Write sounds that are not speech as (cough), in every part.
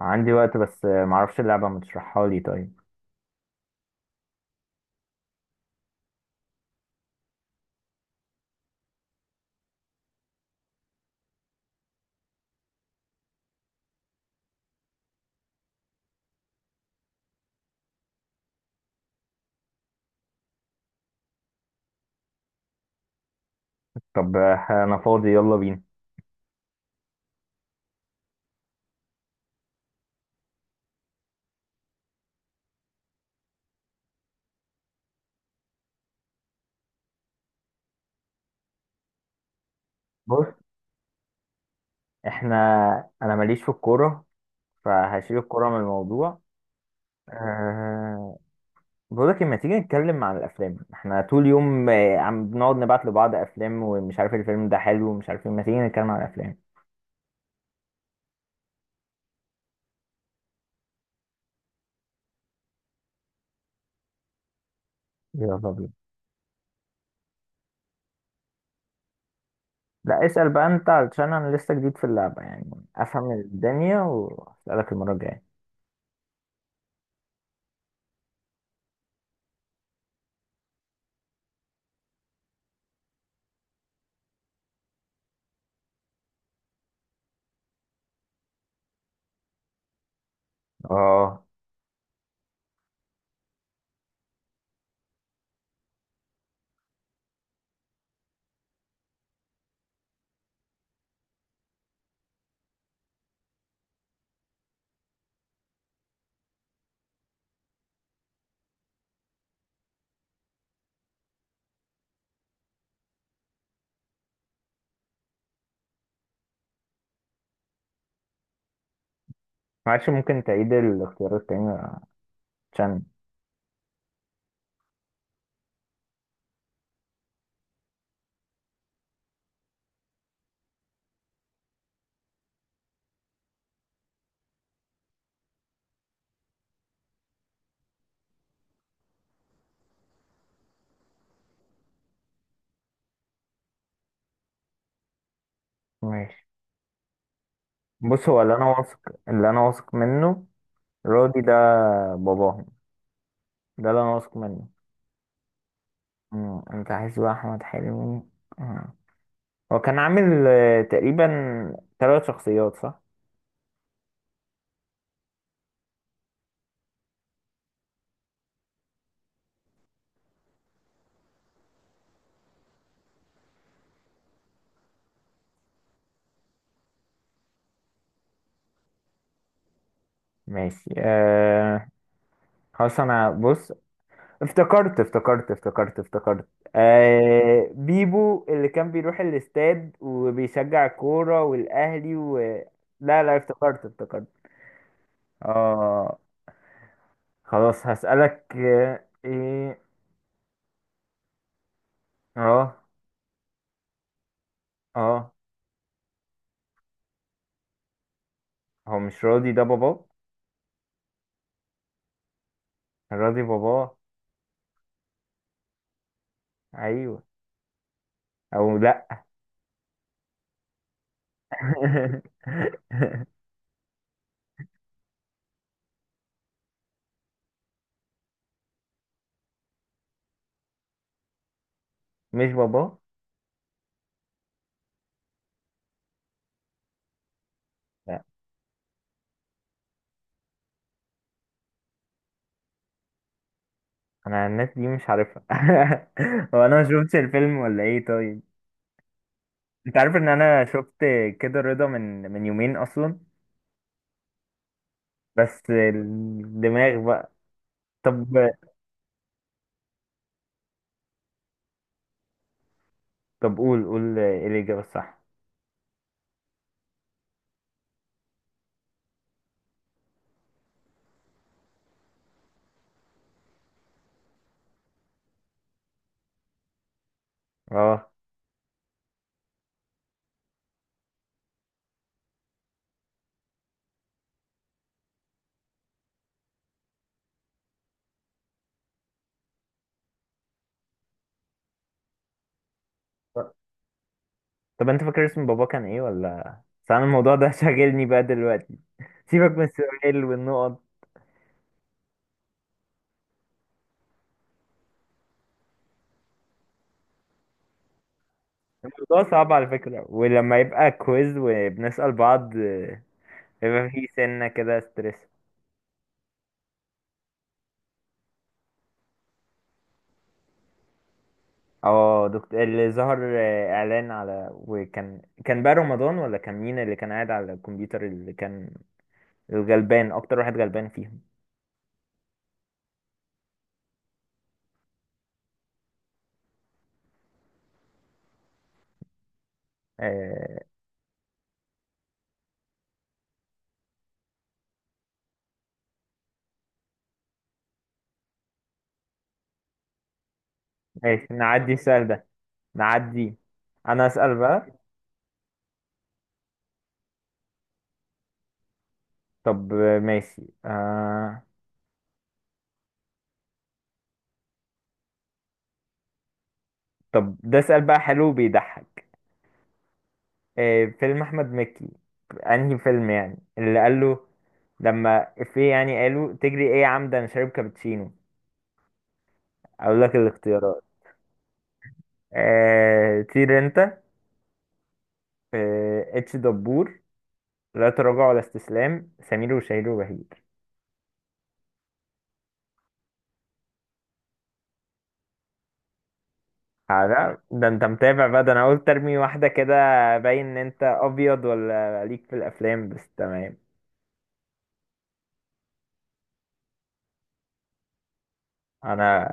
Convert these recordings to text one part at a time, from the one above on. عندي وقت بس معرفش اللعبة ما تشرحها لي طيب. طب، انا فاضي يلا بينا. بص احنا انا ماليش في الكورة فهشيل الكورة من الموضوع. أه... بقولك لما تيجي نتكلم عن الافلام احنا طول يوم عم بنقعد نبعت لبعض افلام ومش عارف الفيلم ده حلو ومش عارف إيه. ما تيجي نتكلم عن الافلام. يلا بينا. لا، اسأل بقى انت علشان انا لسه جديد في اللعبة يعني، افهم الدنيا واسألك المرة الجاية. اه معلش، ممكن تعيد الاختيارات تاني عشان... ماشي. بص هو اللي انا واثق، اللي انا واثق منه راضي، ده باباهم، ده اللي انا واثق منه. مم. انت عايز بقى احمد حلمي؟ آه. هو كان عامل تقريبا ثلاث شخصيات صح؟ ماشي خلاص. انا بص، افتكرت افتكرت افتكرت افتكرت. آه، بيبو اللي كان بيروح الاستاد وبيشجع الكورة والاهلي و... لا لا، افتكرت افتكرت. اه خلاص، هسألك ايه. اه، اه. هو مش راضي، ده باباه. كان راضي باباه. ايوه. او لا. (laughs) مش باباه. لا، انا الناس دي مش عارفها. (laughs) هو انا ما شفتش الفيلم ولا ايه طيب. انت عارف ان انا شفت كده رضا من يومين اصلا، بس الدماغ بقى. طب. قول قول ايه الاجابه الصح. اه. طب انت فاكر اسم بابا كان ايه، ولا بس انا الموضوع ده (laughs) شاغلني بقى دلوقتي؟ سيبك من السؤال والنقط. الموضوع صعب على فكرة، ولما يبقى كويز وبنسأل بعض يبقى في سنة كده ستريس. اه، دكتور اللي ظهر اعلان على، وكان كان بقى رمضان، ولا كان مين اللي كان قاعد على الكمبيوتر، اللي كان الغلبان اكتر واحد غلبان فيهم؟ آه ماشي، نعدي السؤال ده، نعدي. انا اسأل بقى. طب ماشي طب، ده سؤال بقى حلو بيضحك. فيلم احمد مكي، انهي فيلم يعني اللي قال له لما في يعني قالوا تجري ايه يا عمدا انا شارب كابتشينو؟ اقول لك الاختيارات: طير انت، اتش دبور، لا تراجع ولا استسلام، سمير وشهير وبهير. ده انت متابع بقى، ده انا قلت ارمي واحده كده، باين ان انت ابيض ولا ليك في الافلام، بس تمام. انا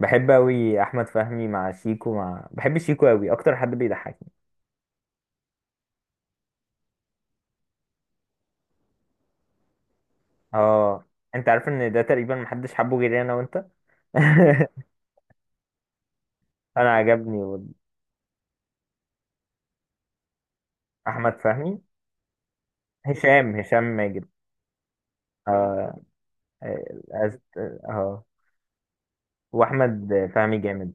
بحب اوي احمد فهمي مع شيكو، بحب شيكو اوي، اكتر حد بيضحك. اه، انت عارف ان ده تقريبا محدش حبه غيري انا وانت. (laughs) انا عجبني احمد فهمي. هشام ماجد. اه. أست... اه واحمد فهمي جامد.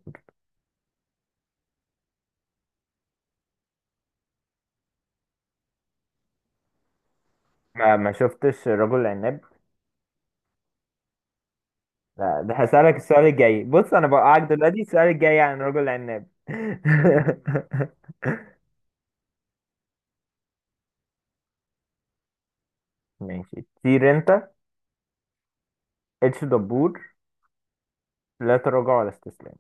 ما شفتش رجل العناب. لا، ده هسألك السؤال الجاي، بص انا بوقعك دلوقتي، السؤال الجاي عن رجل العناب. (laughs) ماشي، طير انت، اتش دبور، لا تراجع ولا استسلام.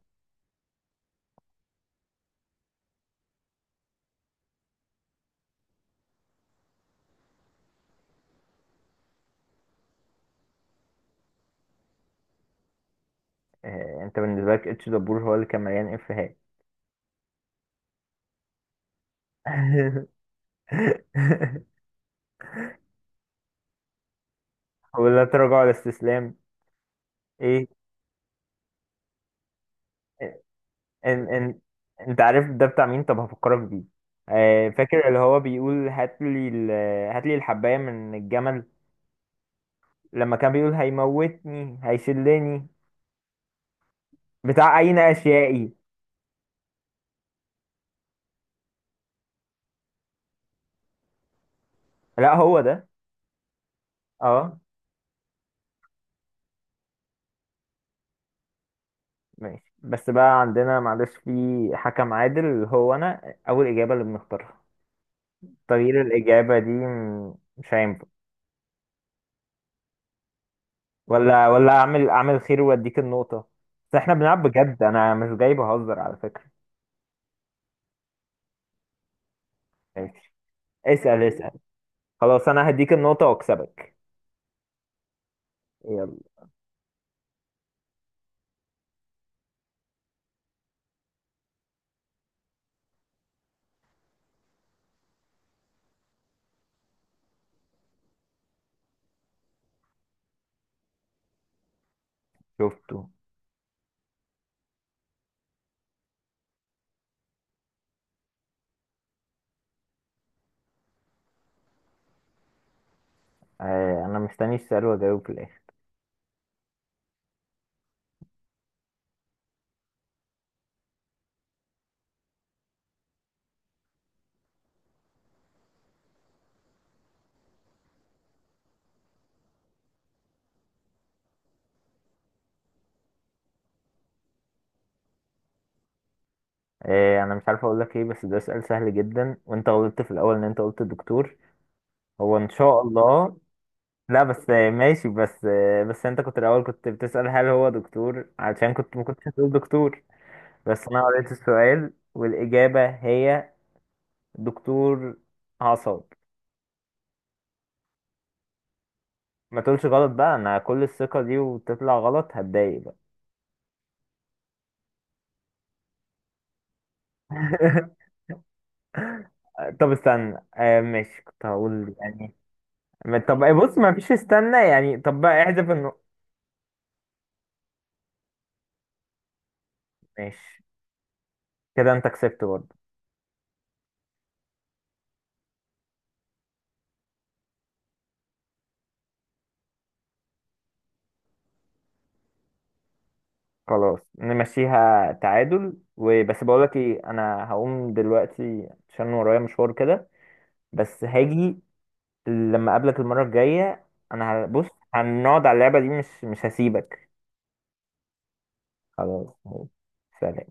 آه، انت بالنسبه لك اتش دبور هو اللي كان مليان افيهات. (laughs) ولا تراجع ولا استسلام؟ ايه. ان انت عارف ده بتاع مين؟ طب هفكرك بيه. آه، فاكر اللي هو بيقول هات لي ال... هات لي الحبايه من الجمل، لما كان بيقول هيموتني هيشلني، بتاع اين اشيائي. لا، هو ده. اه ماشي، بس بقى عندنا معلش، في حكم عادل، هو انا اول اجابه اللي بنختارها، تغيير الاجابه دي مش هينفع. ولا اعمل اعمل خير واديك النقطه. بس احنا بنلعب بجد، انا مش جاي بهزر على فكره. ماشي، اسأل اسأل. خلاص أنا هديك النقطة وأكسبك. يلا. شفته. آه أنا مستني السؤال وأجاوب في الآخر. آه أنا مش عارف أقول لك إيه، بس ده سؤال سهل جدا، وأنت غلطت في الأول إن أنت قلت دكتور، هو إن شاء الله. (laughs) لا بس ماشي، بس بس أنت كنت الأول كنت بتسأل هل هو دكتور، علشان كنت ما كنتش هتقول دكتور، بس أنا قريت السؤال والإجابة هي دكتور أعصاب. ما تقولش غلط بقى، أنا كل الثقة دي وتطلع غلط، هتضايق بقى. (laughs) طب استنى آه ماشي كنت هقول يعني. طب بص، ما فيش استنى يعني؟ طب بقى احذف النقط. ماشي، كده انت كسبت برضه. خلاص نمشيها تعادل وبس. بقولك ايه، انا هقوم دلوقتي عشان ورايا مشوار كده، بس هاجي لما اقابلك المرة الجاية. انا بص، هنقعد على اللعبة دي، مش هسيبك. خلاص، سلام.